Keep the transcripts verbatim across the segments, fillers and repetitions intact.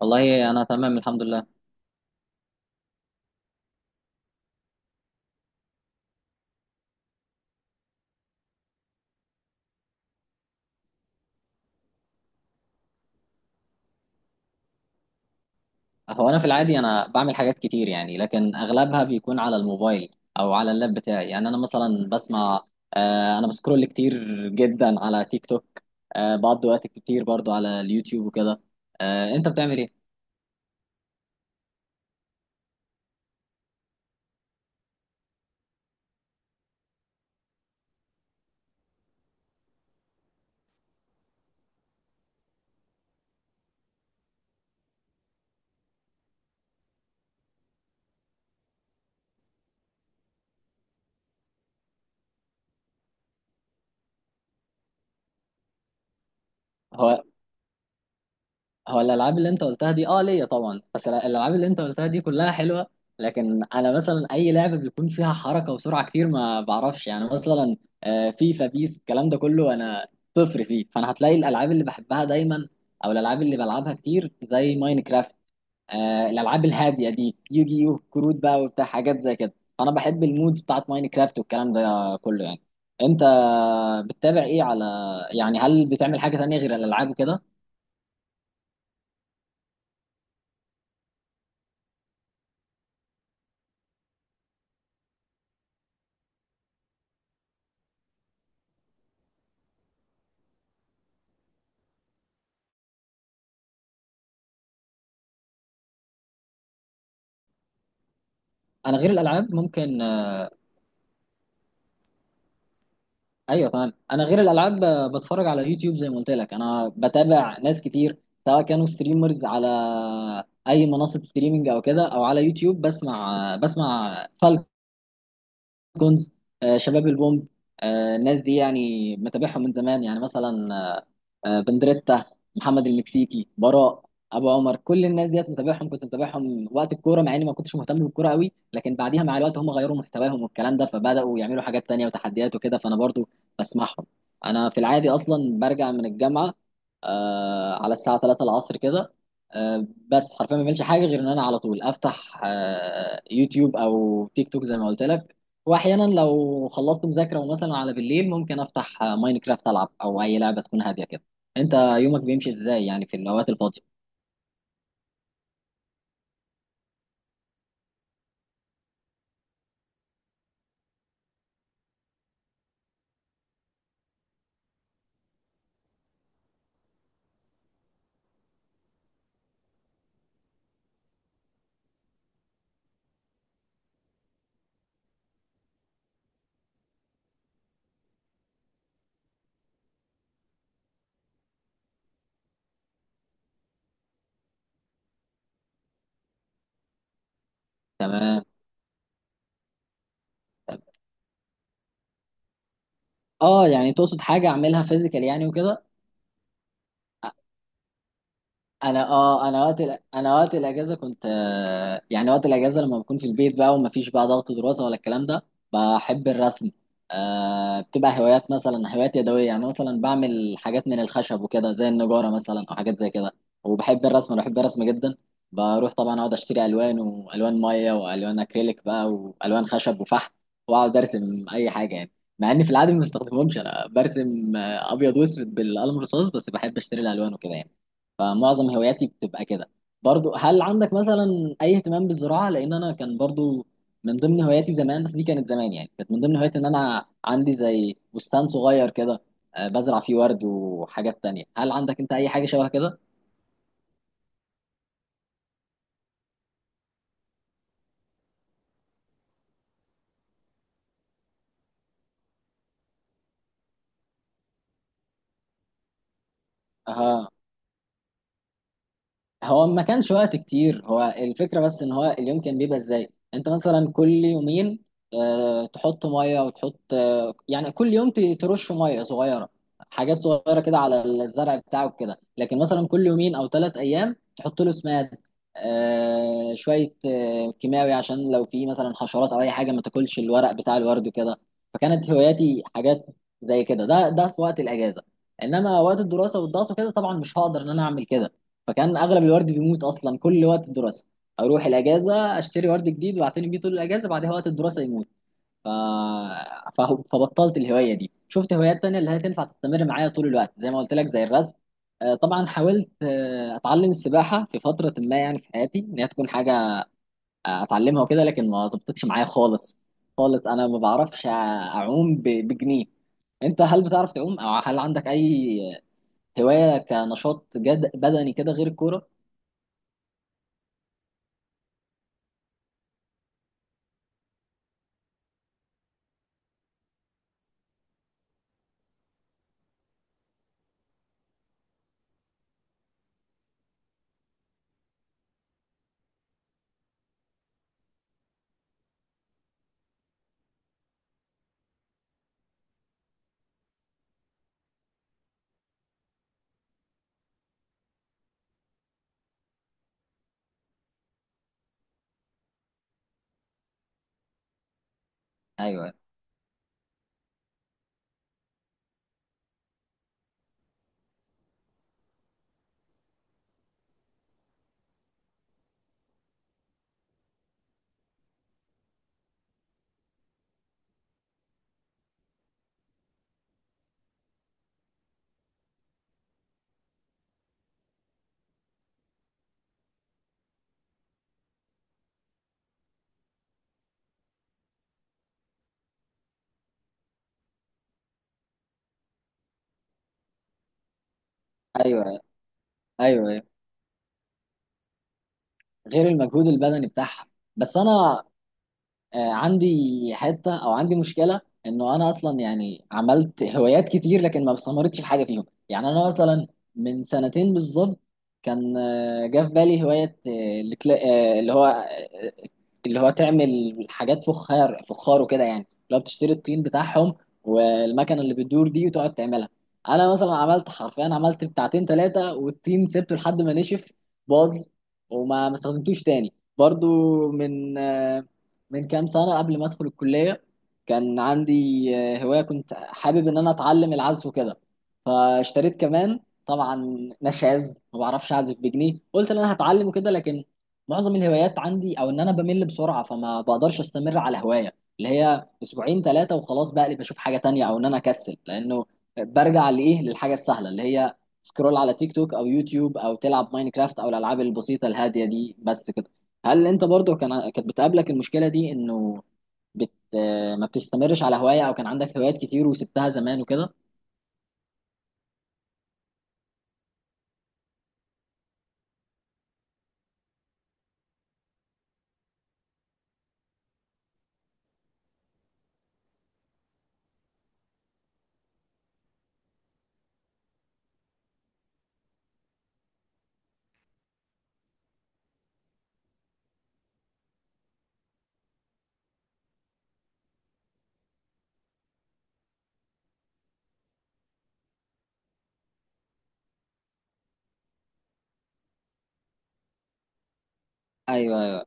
والله انا تمام الحمد لله. هو انا في العادي انا بعمل حاجات كتير يعني، لكن اغلبها بيكون على الموبايل او على اللاب بتاعي. يعني انا مثلا بسمع، آه انا بسكرول كتير جدا على تيك توك. آه بقضي وقت كتير برضو على اليوتيوب وكده. آه، انت بتعمل ايه؟ هو هو الالعاب اللي انت قلتها دي اه ليا طبعا، بس ال- الالعاب اللي انت قلتها دي كلها حلوه. لكن انا مثلا اي لعبه بيكون فيها حركه وسرعه كتير ما بعرفش، يعني مثلا آه، فيفا بيس الكلام ده كله انا صفر فيه. فانا هتلاقي الالعاب اللي بحبها دايما او الالعاب اللي بلعبها كتير زي ماينكرافت. آه، الالعاب الهاديه دي، يوجي يو كروت بقى وبتاع، حاجات زي كده. فانا بحب المودز بتاعت ماينكرافت والكلام ده كله يعني. انت بتتابع ايه على، يعني هل بتعمل حاجه تانية غير الالعاب وكده؟ انا غير الالعاب ممكن، ايوه تمام. انا غير الالعاب ب- بتفرج على يوتيوب زي ما قلت لك، انا بتابع ناس كتير سواء كانوا ستريمرز على اي منصه ستريمنج او كده او على يوتيوب. بسمع بسمع جونز، آه، شباب البومب، آه، الناس دي يعني متابعهم من زمان. يعني مثلا آه، آه، بندريتا، محمد المكسيكي، براء، ابو عمر، كل الناس ديت متابعهم. كنت متابعهم وقت الكوره مع اني ما كنتش مهتم بالكوره قوي، لكن بعديها مع الوقت هم غيروا محتواهم والكلام ده، فبداوا يعملوا حاجات تانية وتحديات وكده، فانا برضو بسمعهم. انا في العادي اصلا برجع من الجامعه آه، على الساعه تلاتة العصر كده. آه، بس حرفيا ما بعملش حاجه غير ان انا على طول افتح آه، يوتيوب او تيك توك زي ما قلت لك. واحيانا لو خلصت مذاكره ومثلا على بالليل ممكن افتح ماينكرافت العب او اي لعبه تكون هاديه كده. انت يومك بيمشي ازاي يعني في الاوقات الفاضيه؟ تمام. اه يعني تقصد حاجه اعملها فيزيكال يعني وكده؟ انا اه انا وقت الأ- انا وقت الاجازه كنت، آه، يعني وقت الاجازه لما بكون في البيت بقى ومفيش بقى ضغط دراسه ولا الكلام ده، بحب الرسم. آه، بتبقى هوايات، مثلا هوايات يدويه يعني، مثلا بعمل حاجات من الخشب وكده زي النجاره مثلا او حاجات زي كده. وبحب الرسم، انا بحب الرسم جدا. بروح طبعا اقعد اشتري الوان، والوان ميه، والوان اكريليك بقى، والوان خشب وفحم واقعد ارسم اي حاجه يعني. مع اني في العادي ما بستخدمهمش، انا برسم آه، ابيض واسود بالقلم الرصاص، بس بحب اشتري الالوان وكده يعني. فمعظم هواياتي بتبقى كده. برضو هل عندك مثلا اي اهتمام بالزراعه؟ لان انا كان برضو من ضمن هواياتي زمان. بس دي كانت زمان يعني، كانت من ضمن هواياتي ان انا عندي زي بستان صغير كده، آه، بزرع فيه ورد وحاجات تانية. هل عندك انت اي حاجه شبه كده؟ اها. هو ما كانش وقت كتير، هو الفكرة بس ان هو اليوم كان بيبقى ازاي. انت مثلا كل يومين آه، تحط مية، وتحط آه، يعني كل يوم ت- ترش مية صغيرة، حاجات صغيرة كده على الزرع بتاعك كده. لكن مثلا كل يومين او ثلاث ايام تحط له سماد، آه، شوية آه، كيماوي، عشان لو في مثلا حشرات او اي حاجة ما تاكلش الورق بتاع الورد وكده. فكانت هواياتي حاجات زي كده، ده ده في وقت الاجازة. انما وقت الدراسة والضغط وكده طبعا مش هقدر ان انا اعمل كده. فكان اغلب الورد بيموت اصلا كل وقت الدراسه. اروح الاجازه اشتري ورد جديد واعتني بيه طول الاجازه، بعدها وقت الدراسه يموت. ف... ف... فبطلت الهوايه دي، شفت هوايات تانية اللي هي تنفع تستمر معايا طول الوقت زي ما قلت لك زي الرسم. آه، طبعا حاولت آه، اتعلم السباحه في فتره ما، يعني في حياتي ان هي تكون حاجه اتعلمها وكده، لكن ما ظبطتش معايا خالص خالص. انا ما بعرفش اعوم ب- بجنيه. انت هل بتعرف تعوم، او هل عندك اي هوايه كنشاط جد بدني كده غير الكوره؟ ايوه، ايوه، ايوه، أيوه. غير المجهود البدني بتاعها. بس انا آه، عندي حته، او عندي مشكله انه انا اصلا يعني عملت هوايات كتير لكن ما استمرتش في حاجه فيهم. يعني انا مثلا من سنتين بالظبط كان آه، جه في بالي هوايه، آه، الكلا- آه، اللي هو آه، اللي هو تعمل حاجات فخار فخار وكده يعني، لو بتشتري الطين بتاعهم والمكنه اللي بتدور دي وتقعد تعملها. انا مثلا عملت حرفيا، عملت بتاعتين ثلاثه، والطين سبته لحد ما نشف باظ، وما ما استخدمتوش تاني. برضو من آه، من كام سنة قبل ما أدخل الكلية، كان عندي آه، هواية، كنت حابب إن أنا أتعلم العزف وكده، فاشتريت كمان. طبعا نشاز، ما بعرفش أعزف بجنيه. قلت إن أنا هتعلم وكده، لكن معظم الهوايات عندي، أو إن أنا بمل بسرعة، فما بقدرش أستمر على هواية اللي هي أسبوعين ثلاثة وخلاص، بقلب بشوف حاجة تانية، أو إن أنا أكسل لأنه برجع لإيه، للحاجة السهلة اللي هي سكرول على تيك توك أو يوتيوب، أو تلعب ماينكرافت أو الألعاب البسيطة الهادية دي بس كده. هل انت برضو كان كانت بتقابلك المشكله دي انه بت ما بتستمرش على هوايه، او كان عندك هوايات كتير وسبتها زمان وكده؟ ايوه.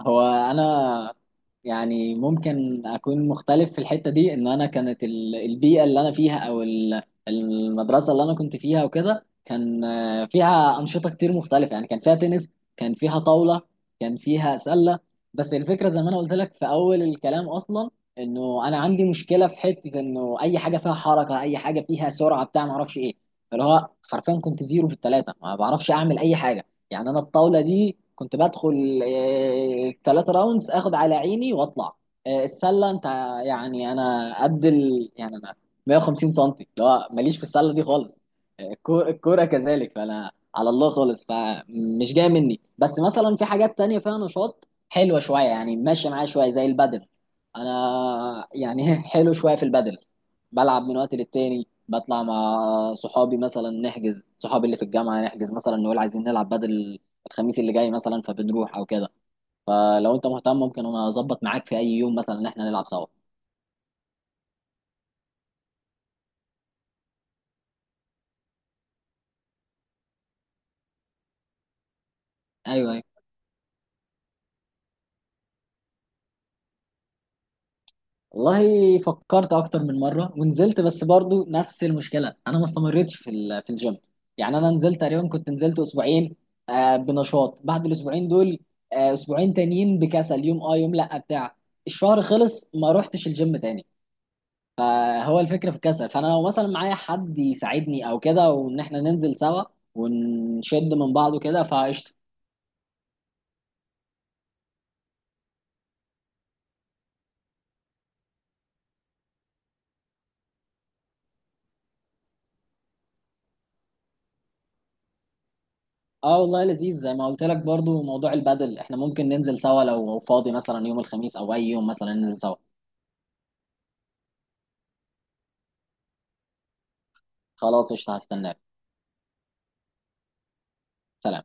هو انا يعني ممكن اكون مختلف في الحته دي، ان انا كانت ال- البيئه اللي انا فيها او ال- المدرسه اللي انا كنت فيها وكده كان آه، فيها انشطه كتير مختلفه، يعني كان فيها تنس، كان فيها طاوله، كان فيها سله. بس الفكره زي ما انا قلت لك في اول الكلام اصلا، انه انا عندي مشكله في حته، انه اي حاجه فيها حركه، اي حاجه فيها سرعه بتاع ما اعرفش ايه، اللي هو حرفيا كنت زيرو في الثلاثه، ما بعرفش اعمل اي حاجه. يعني انا الطاوله دي كنت بدخل ثلاثة راوندز اخد على عيني واطلع. آه، السله، انت يعني انا قد ال... يعني انا مية وخمسين سم، اللي هو ماليش في السله دي خالص. آه، الكو- الكوره كذلك، فانا على الله خالص، فمش جايه مني. بس مثلا في حاجات تانية فيها نشاط حلوه شويه يعني، ماشيه معايا شويه زي البدل. انا يعني حلو شويه في البدل، بلعب من وقت للتاني. بطلع مع صحابي، مثلا نحجز، صحابي اللي في الجامعة نحجز، مثلا نقول عايزين نلعب بدل الخميس اللي جاي مثلا، فبنروح او كده. فلو انت مهتم ممكن انا اظبط معاك في اي يوم مثلا، ان احنا نلعب سوا. ايوه، ايوه، والله فكرت اكتر من مرة ونزلت، بس برضو نفس المشكلة انا ما استمرتش في ال- في الجيم. يعني انا نزلت تقريبا، كنت نزلت اسبوعين آه، بنشاط، بعد الاسبوعين دول آه، اسبوعين تانيين بكسل، يوم اه يوم لا بتاع، الشهر خلص ما روحتش الجيم تاني. هو الفكرة في الكسل، فأنا لو مثلا معايا حد يساعدني أو كده، وإن إحنا ننزل سوا ونشد من بعض وكده فقشطة. اه والله لذيذ، زي ما قلت لك برضو موضوع البدل احنا ممكن ننزل سوا لو فاضي مثلا يوم الخميس او اي يوم مثلا ننزل سوا. خلاص قشطة، هستناك. سلام.